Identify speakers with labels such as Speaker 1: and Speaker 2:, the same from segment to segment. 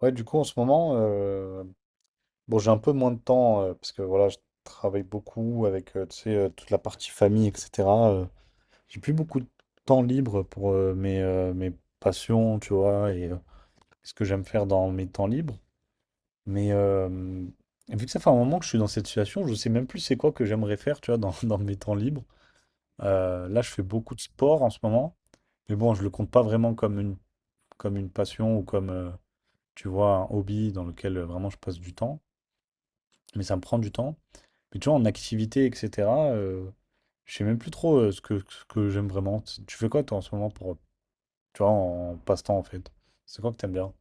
Speaker 1: Ouais, du coup, en ce moment, bon, j'ai un peu moins de temps parce que voilà, je travaille beaucoup avec tu sais, toute la partie famille, etc. euh, j'ai plus beaucoup de temps libre pour mes passions, tu vois, et ce que j'aime faire dans mes temps libres. Mais vu que ça fait un moment que je suis dans cette situation, je sais même plus c'est quoi que j'aimerais faire, tu vois, dans, dans mes temps libres. Là, je fais beaucoup de sport en ce moment, mais bon, je le compte pas vraiment comme une passion ou comme, tu vois, un hobby dans lequel vraiment je passe du temps. Mais ça me prend du temps. Mais tu vois, en activité, etc., je sais même plus trop ce que j'aime vraiment. Tu fais quoi, toi, en ce moment, pour, tu vois, en passe-temps, en fait? C'est quoi que t'aimes bien?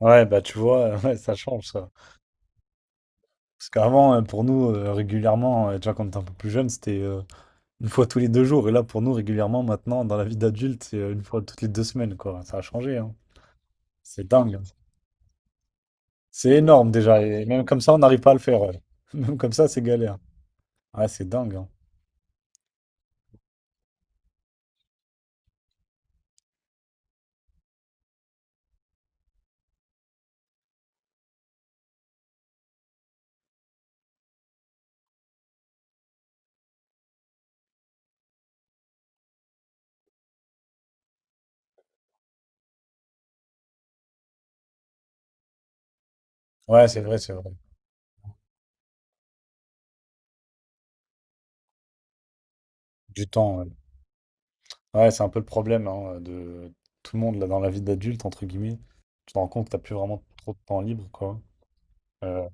Speaker 1: Ouais, bah, tu vois, ouais, ça change, ça. Parce qu'avant, pour nous, régulièrement, tu vois, quand on était un peu plus jeune, c'était une fois tous les 2 jours. Et là, pour nous, régulièrement, maintenant, dans la vie d'adulte, c'est une fois toutes les 2 semaines, quoi. Ça a changé, hein. C'est dingue, hein. C'est énorme, déjà. Et même comme ça, on n'arrive pas à le faire. Ouais. Même comme ça, c'est galère. Ouais, c'est dingue, hein. Ouais, c'est vrai, c'est vrai. Du temps, ouais. Ouais, c'est un peu le problème, hein, de tout le monde là, dans la vie d'adulte, entre guillemets. Tu te rends compte que t'as plus vraiment trop de temps libre, quoi. Euh,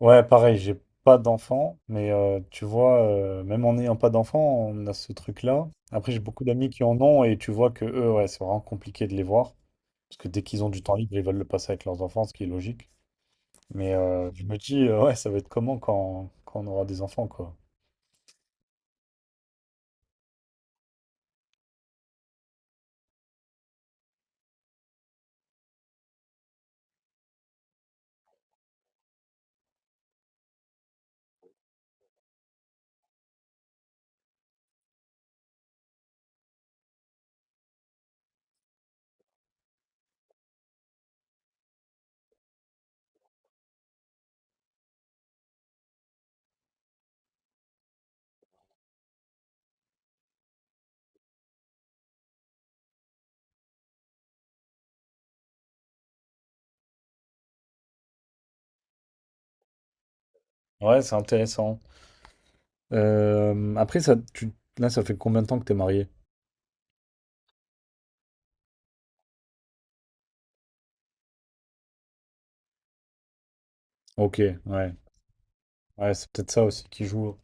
Speaker 1: Ouais, pareil, j'ai pas d'enfant, mais tu vois, même en n'ayant pas d'enfant, on a ce truc-là. Après, j'ai beaucoup d'amis qui en ont et tu vois que eux, ouais, c'est vraiment compliqué de les voir. Parce que dès qu'ils ont du temps libre, ils veulent le passer avec leurs enfants, ce qui est logique. Mais je me dis, ouais, ça va être comment quand on aura des enfants, quoi. Ouais, c'est intéressant. Après, ça, là, ça fait combien de temps que t'es marié? Ok, ouais. Ouais, c'est peut-être ça aussi qui joue.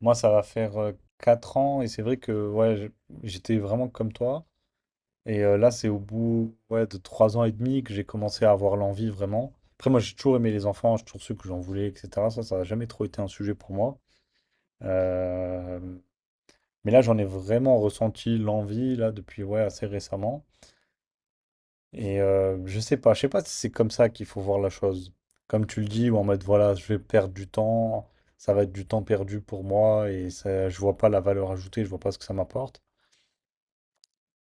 Speaker 1: Moi, ça va faire 4 ans et c'est vrai que ouais, j'étais vraiment comme toi. Et là, c'est au bout ouais, de 3 ans et demi que j'ai commencé à avoir l'envie vraiment. Après, moi, j'ai toujours aimé les enfants, j'ai toujours su que j'en voulais, etc. Ça n'a jamais trop été un sujet pour moi. Euh, Mais là, j'en ai vraiment ressenti l'envie, là, depuis ouais, assez récemment. Et je sais pas si c'est comme ça qu'il faut voir la chose. Comme tu le dis, ou en mode, voilà, je vais perdre du temps, ça va être du temps perdu pour moi, et ça, je vois pas la valeur ajoutée, je vois pas ce que ça m'apporte.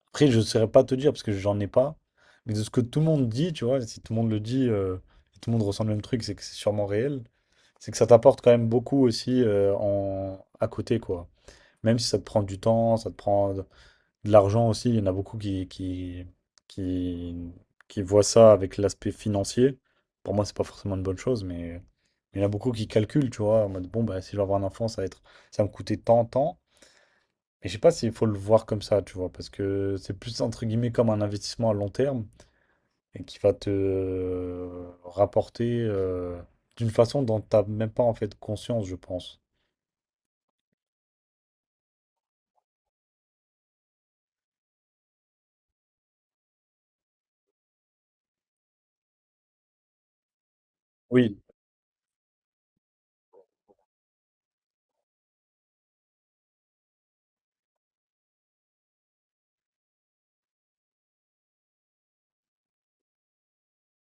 Speaker 1: Après, je ne saurais pas te dire parce que j'en ai pas. Mais de ce que tout le monde dit, tu vois, si tout le monde le dit, et tout le monde ressent le même truc, c'est que c'est sûrement réel. C'est que ça t'apporte quand même beaucoup aussi en... à côté, quoi. Même si ça te prend du temps, ça te prend de l'argent aussi. Il y en a beaucoup qui, qui voient ça avec l'aspect financier. Pour moi, c'est pas forcément une bonne chose, mais il y en a beaucoup qui calculent, tu vois, en mode bon, bah, si je veux avoir un enfant, ça va être... ça va me coûter tant, tant. Mais je sais pas s'il faut le voir comme ça, tu vois, parce que c'est plus entre guillemets comme un investissement à long terme et qui va te rapporter d'une façon dont t'as même pas en fait conscience, je pense. Oui,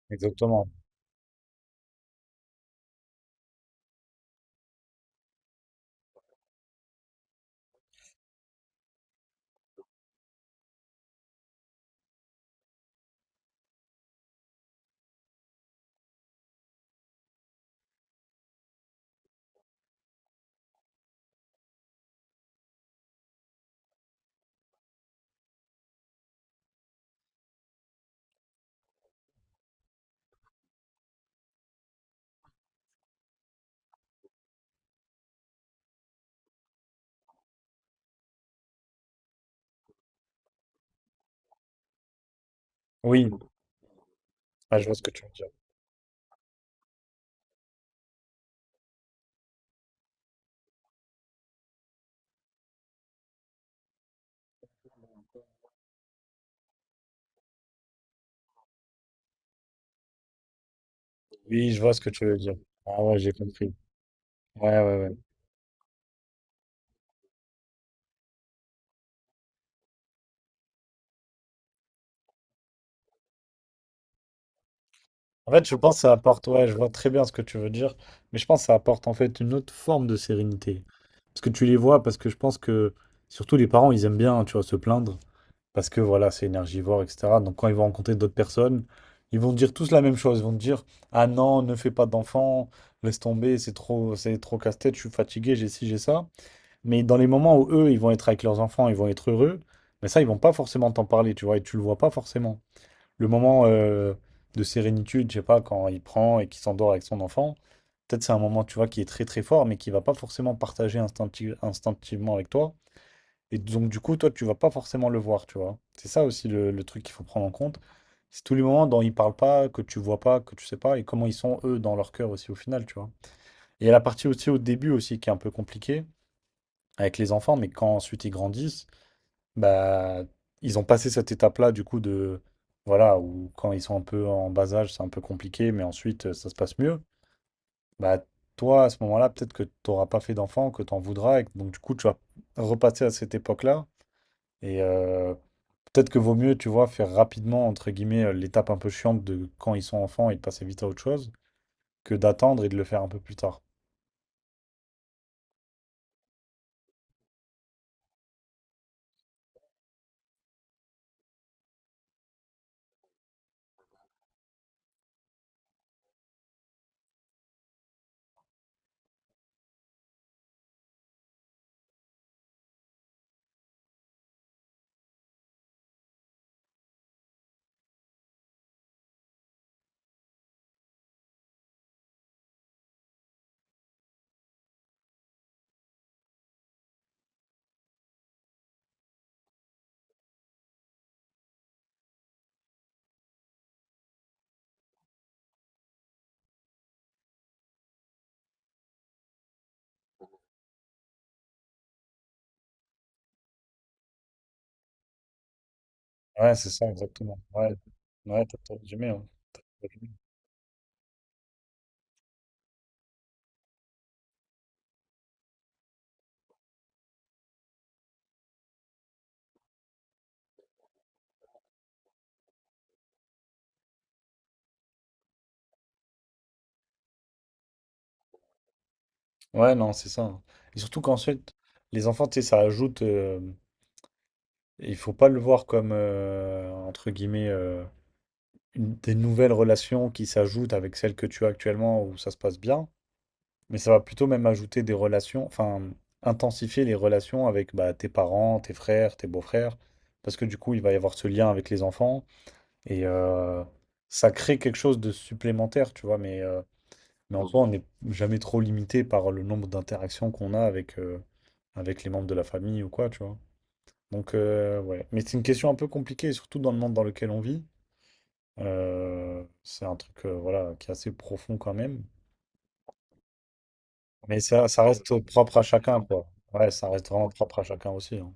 Speaker 1: exactement. Oui, ah, je vois ce que tu veux dire. Oui, je vois ce que tu veux dire. Ah ouais, j'ai compris. Ouais, ouais, ouais. En fait, je pense que ça apporte, ouais, je vois très bien ce que tu veux dire, mais je pense que ça apporte en fait une autre forme de sérénité. Parce que tu les vois, parce que je pense que surtout les parents, ils aiment bien, tu vois, se plaindre. Parce que voilà, c'est énergivore, etc. Donc quand ils vont rencontrer d'autres personnes, ils vont dire tous la même chose. Ils vont te dire, ah non, ne fais pas d'enfant, laisse tomber, c'est trop casse-tête, je suis fatigué, j'ai ci, j'ai ça. Mais dans les moments où eux, ils vont être avec leurs enfants, ils vont être heureux, mais ça, ils vont pas forcément t'en parler, tu vois, et tu le vois pas forcément. Le moment de sérénitude, je sais pas, quand il prend et qu'il s'endort avec son enfant, peut-être c'est un moment, tu vois, qui est très très fort, mais qui va pas forcément partager instinctivement avec toi. Et donc, du coup, toi, tu vas pas forcément le voir, tu vois. C'est ça aussi le truc qu'il faut prendre en compte. C'est tous les moments dont ils parlent pas, que tu vois pas, que tu sais pas, et comment ils sont, eux, dans leur cœur aussi, au final, tu vois. Et il y a la partie aussi au début aussi qui est un peu compliquée avec les enfants, mais quand ensuite ils grandissent, bah, ils ont passé cette étape-là, du coup, de, voilà, où quand ils sont un peu en bas âge, c'est un peu compliqué, mais ensuite, ça se passe mieux. Bah, toi, à ce moment-là, peut-être que tu n'auras pas fait d'enfant, que tu en voudras, et que donc, du coup, tu vas repasser à cette époque-là. Et peut-être que vaut mieux, tu vois, faire rapidement, entre guillemets, l'étape un peu chiante de quand ils sont enfants et de passer vite à autre chose, que d'attendre et de le faire un peu plus tard. Ouais, c'est ça, exactement. Ouais, ouais, t'as résumé, hein. Ouais, non, c'est ça, hein. Et surtout qu'ensuite, les enfants, tu sais, ça ajoute. Il faut pas le voir comme, entre guillemets, des nouvelles relations qui s'ajoutent avec celles que tu as actuellement où ça se passe bien, mais ça va plutôt même ajouter des relations, enfin, intensifier les relations avec bah, tes parents, tes frères, tes beaux-frères, parce que du coup, il va y avoir ce lien avec les enfants et ça crée quelque chose de supplémentaire, tu vois, mais en soi, on n'est jamais trop limité par le nombre d'interactions qu'on a avec les membres de la famille ou quoi, tu vois. Donc, ouais. Mais c'est une question un peu compliquée, surtout dans le monde dans lequel on vit. C'est un truc, voilà, qui est assez profond quand même. Mais ça reste propre à chacun, quoi. Ouais, ça reste vraiment propre à chacun aussi, hein.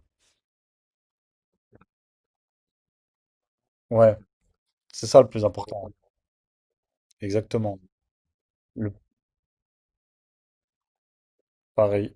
Speaker 1: Ouais, c'est ça le plus important. Exactement. Le pareil.